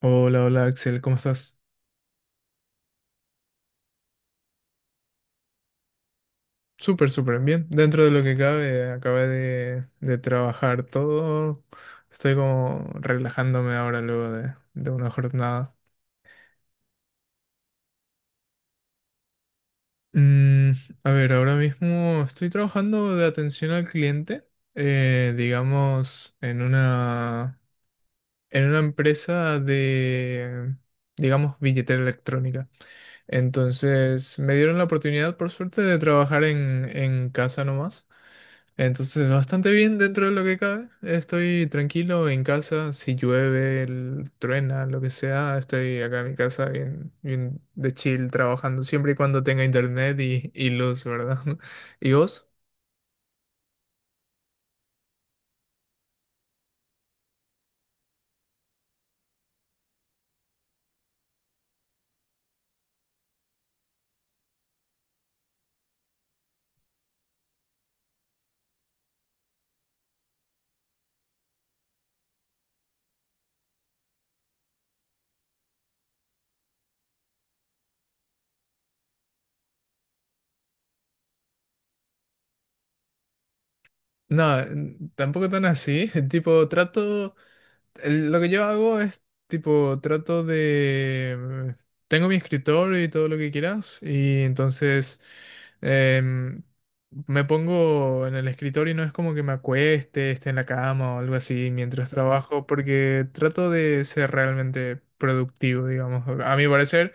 Hola, hola Axel, ¿cómo estás? Súper, súper bien. Dentro de lo que cabe, acabé de trabajar todo. Estoy como relajándome ahora luego de una jornada. Mm, a ver, ahora mismo estoy trabajando de atención al cliente, digamos, en una empresa de, digamos, billetera electrónica. Entonces, me dieron la oportunidad, por suerte, de trabajar en casa nomás. Entonces, bastante bien dentro de lo que cabe. Estoy tranquilo en casa. Si llueve, truena, lo que sea, estoy acá en mi casa bien, bien de chill trabajando, siempre y cuando tenga internet y luz, ¿verdad? ¿Y vos? No, tampoco tan así. Tipo, trato. Lo que yo hago es tipo, trato de... Tengo mi escritorio y todo lo que quieras y entonces em, me pongo en el escritorio y no es como que me acueste, esté en la cama o algo así mientras trabajo porque trato de ser realmente productivo, digamos. A mi parecer,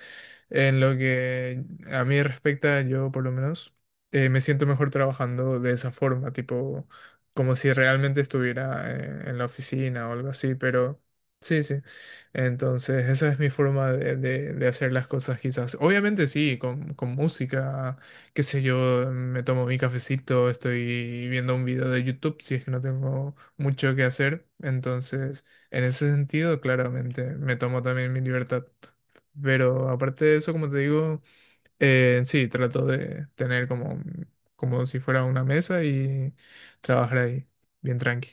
en lo que a mí respecta, yo por lo menos me siento mejor trabajando de esa forma, tipo como si realmente estuviera en la oficina o algo así, pero sí, sí. Entonces, esa es mi forma de, de hacer las cosas quizás. Obviamente sí, con música, qué sé yo, me tomo mi cafecito, estoy viendo un video de YouTube si es que no tengo mucho que hacer. Entonces, en ese sentido, claramente, me tomo también mi libertad. Pero aparte de eso, como te digo... Sí, trato de tener como, como si fuera una mesa y trabajar ahí, bien tranqui.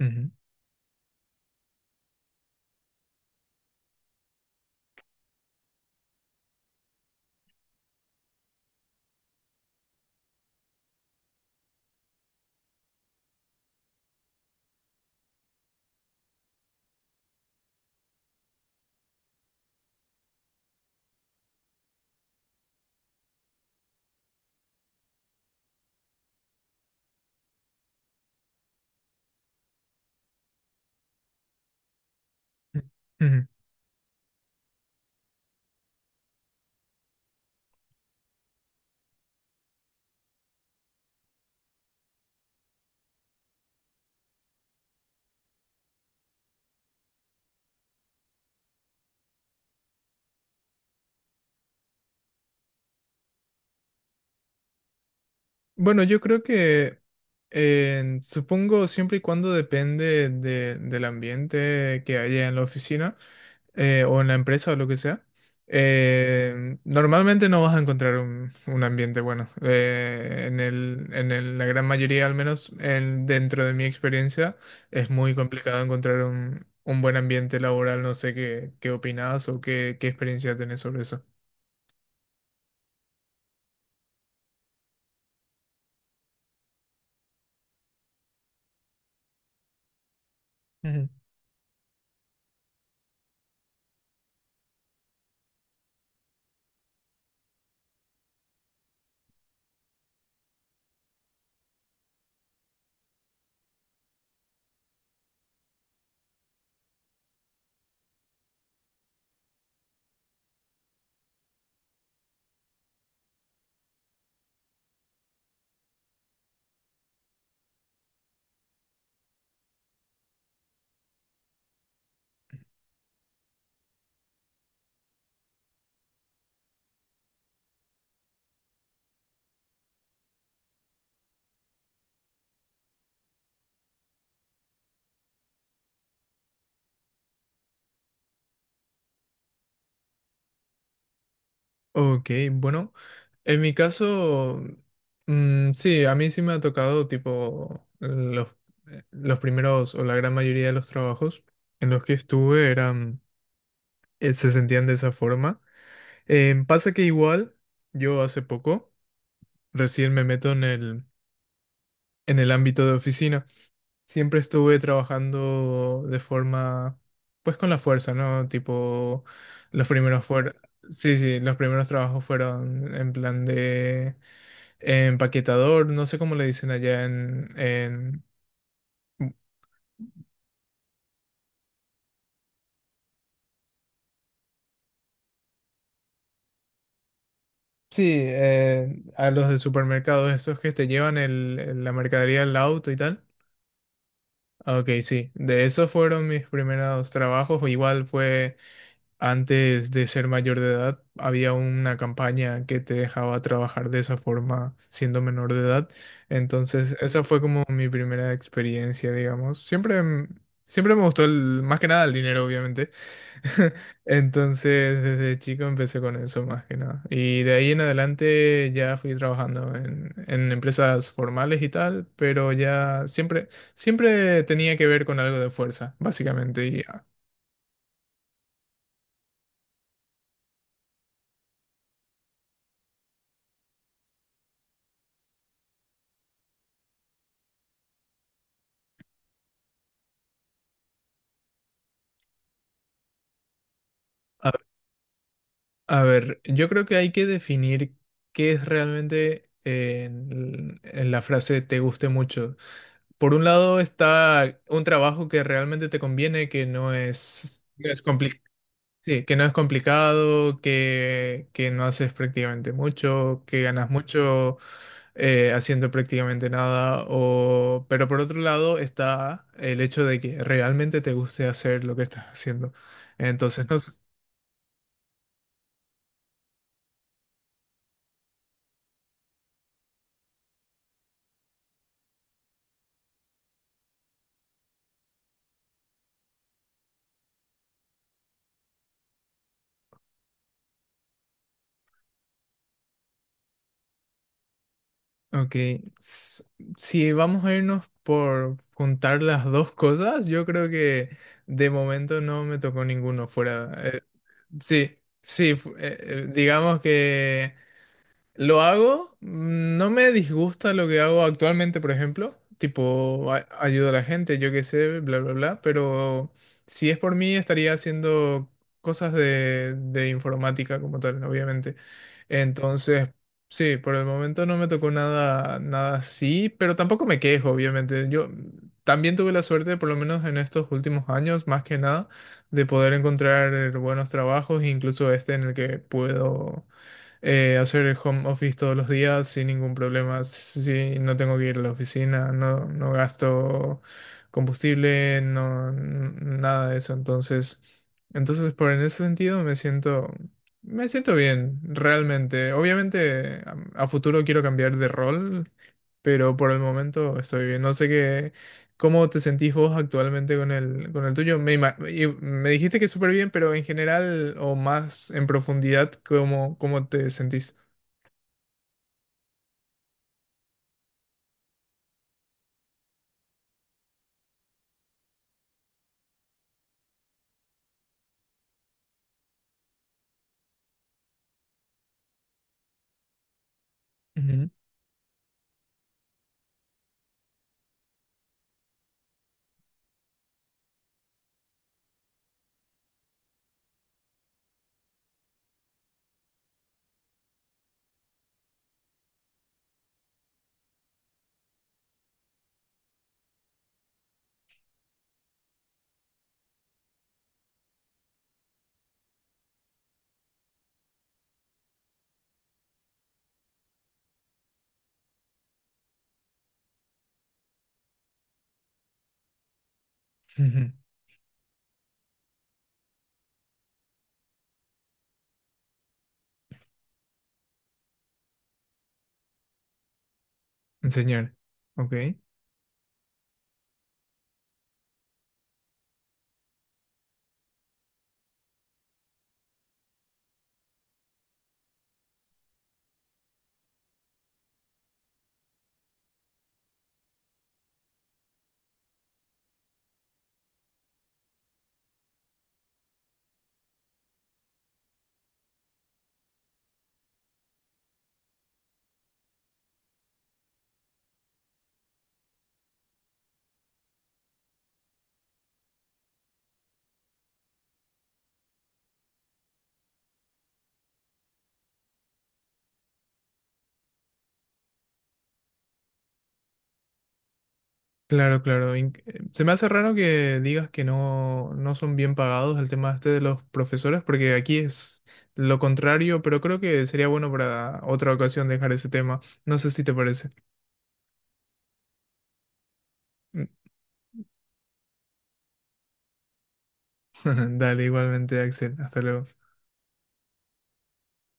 Ujú. Ujú. Bueno, yo creo que supongo siempre y cuando depende del ambiente que haya en la oficina. O en la empresa o lo que sea, normalmente no vas a encontrar un ambiente bueno. En el, la gran mayoría, al menos en- dentro de mi experiencia, es muy complicado encontrar un buen ambiente laboral. No sé qué, qué opinas o qué, qué experiencia tenés sobre eso. Ujú. Ok, bueno, en mi caso, sí, a mí sí me ha tocado tipo los primeros o la gran mayoría de los trabajos en los que estuve eran se sentían de esa forma. Pasa que igual, yo hace poco, recién me meto en el ámbito de oficina. Siempre estuve trabajando de forma, pues con la fuerza, ¿no? Tipo, los primeros fueron, sí, sí, los primeros trabajos fueron en plan de empaquetador, no sé cómo le dicen allá en- Sí, a los de supermercados, esos que te llevan el, la mercadería al auto y tal. Ok, sí, de esos fueron mis primeros trabajos. Igual fue antes de ser mayor de edad, había una campaña que te dejaba trabajar de esa forma siendo menor de edad. Entonces, esa fue como mi primera experiencia, digamos. Siempre, siempre me gustó el, más que nada el dinero, obviamente. Entonces, desde chico empecé con eso más que nada. Y de ahí en adelante ya fui trabajando en empresas formales y tal, pero ya siempre, siempre tenía que ver con algo de fuerza, básicamente. Y a ver, yo creo que hay que definir qué es realmente en la frase te guste mucho. Por un lado está un trabajo que realmente te conviene, que no es, sí, que no es complicado, que no haces prácticamente mucho, que ganas mucho haciendo prácticamente nada. O... Pero por otro lado está el hecho de que realmente te guste hacer lo que estás haciendo. Entonces, no, ok, s- si vamos a irnos por juntar las dos cosas, yo creo que de momento no me tocó ninguno fuera. Sí, digamos que lo hago, no me disgusta lo que hago actualmente, por ejemplo, tipo ayudo a la gente, yo qué sé, bla, bla, bla, pero si es por mí estaría haciendo cosas de informática como tal, obviamente. Entonces, sí, por el momento no me tocó nada, nada así, pero tampoco me quejo, obviamente. Yo también tuve la suerte, por lo menos en estos últimos años, más que nada, de poder encontrar buenos trabajos, incluso este en el que puedo hacer home office todos los días sin ningún problema. Si no tengo que ir a la oficina, no, no gasto combustible, nada de eso. Entonces, entonces por en ese sentido me siento bien, realmente. Obviamente a futuro quiero cambiar de rol, pero por el momento estoy bien. No sé qué. ¿Cómo te sentís vos actualmente con el tuyo? Me, y me dijiste que súper bien, pero en general o más en profundidad, ¿cómo, cómo te sentís? Ujú, ujú. Enseñar. Ok. Claro, claro. Se me hace raro que digas que no, no son bien pagados el tema este de los profesores, porque aquí es lo contrario, pero creo que sería bueno para otra ocasión dejar ese tema. No sé si te parece. Dale, igualmente, Axel. Hasta luego.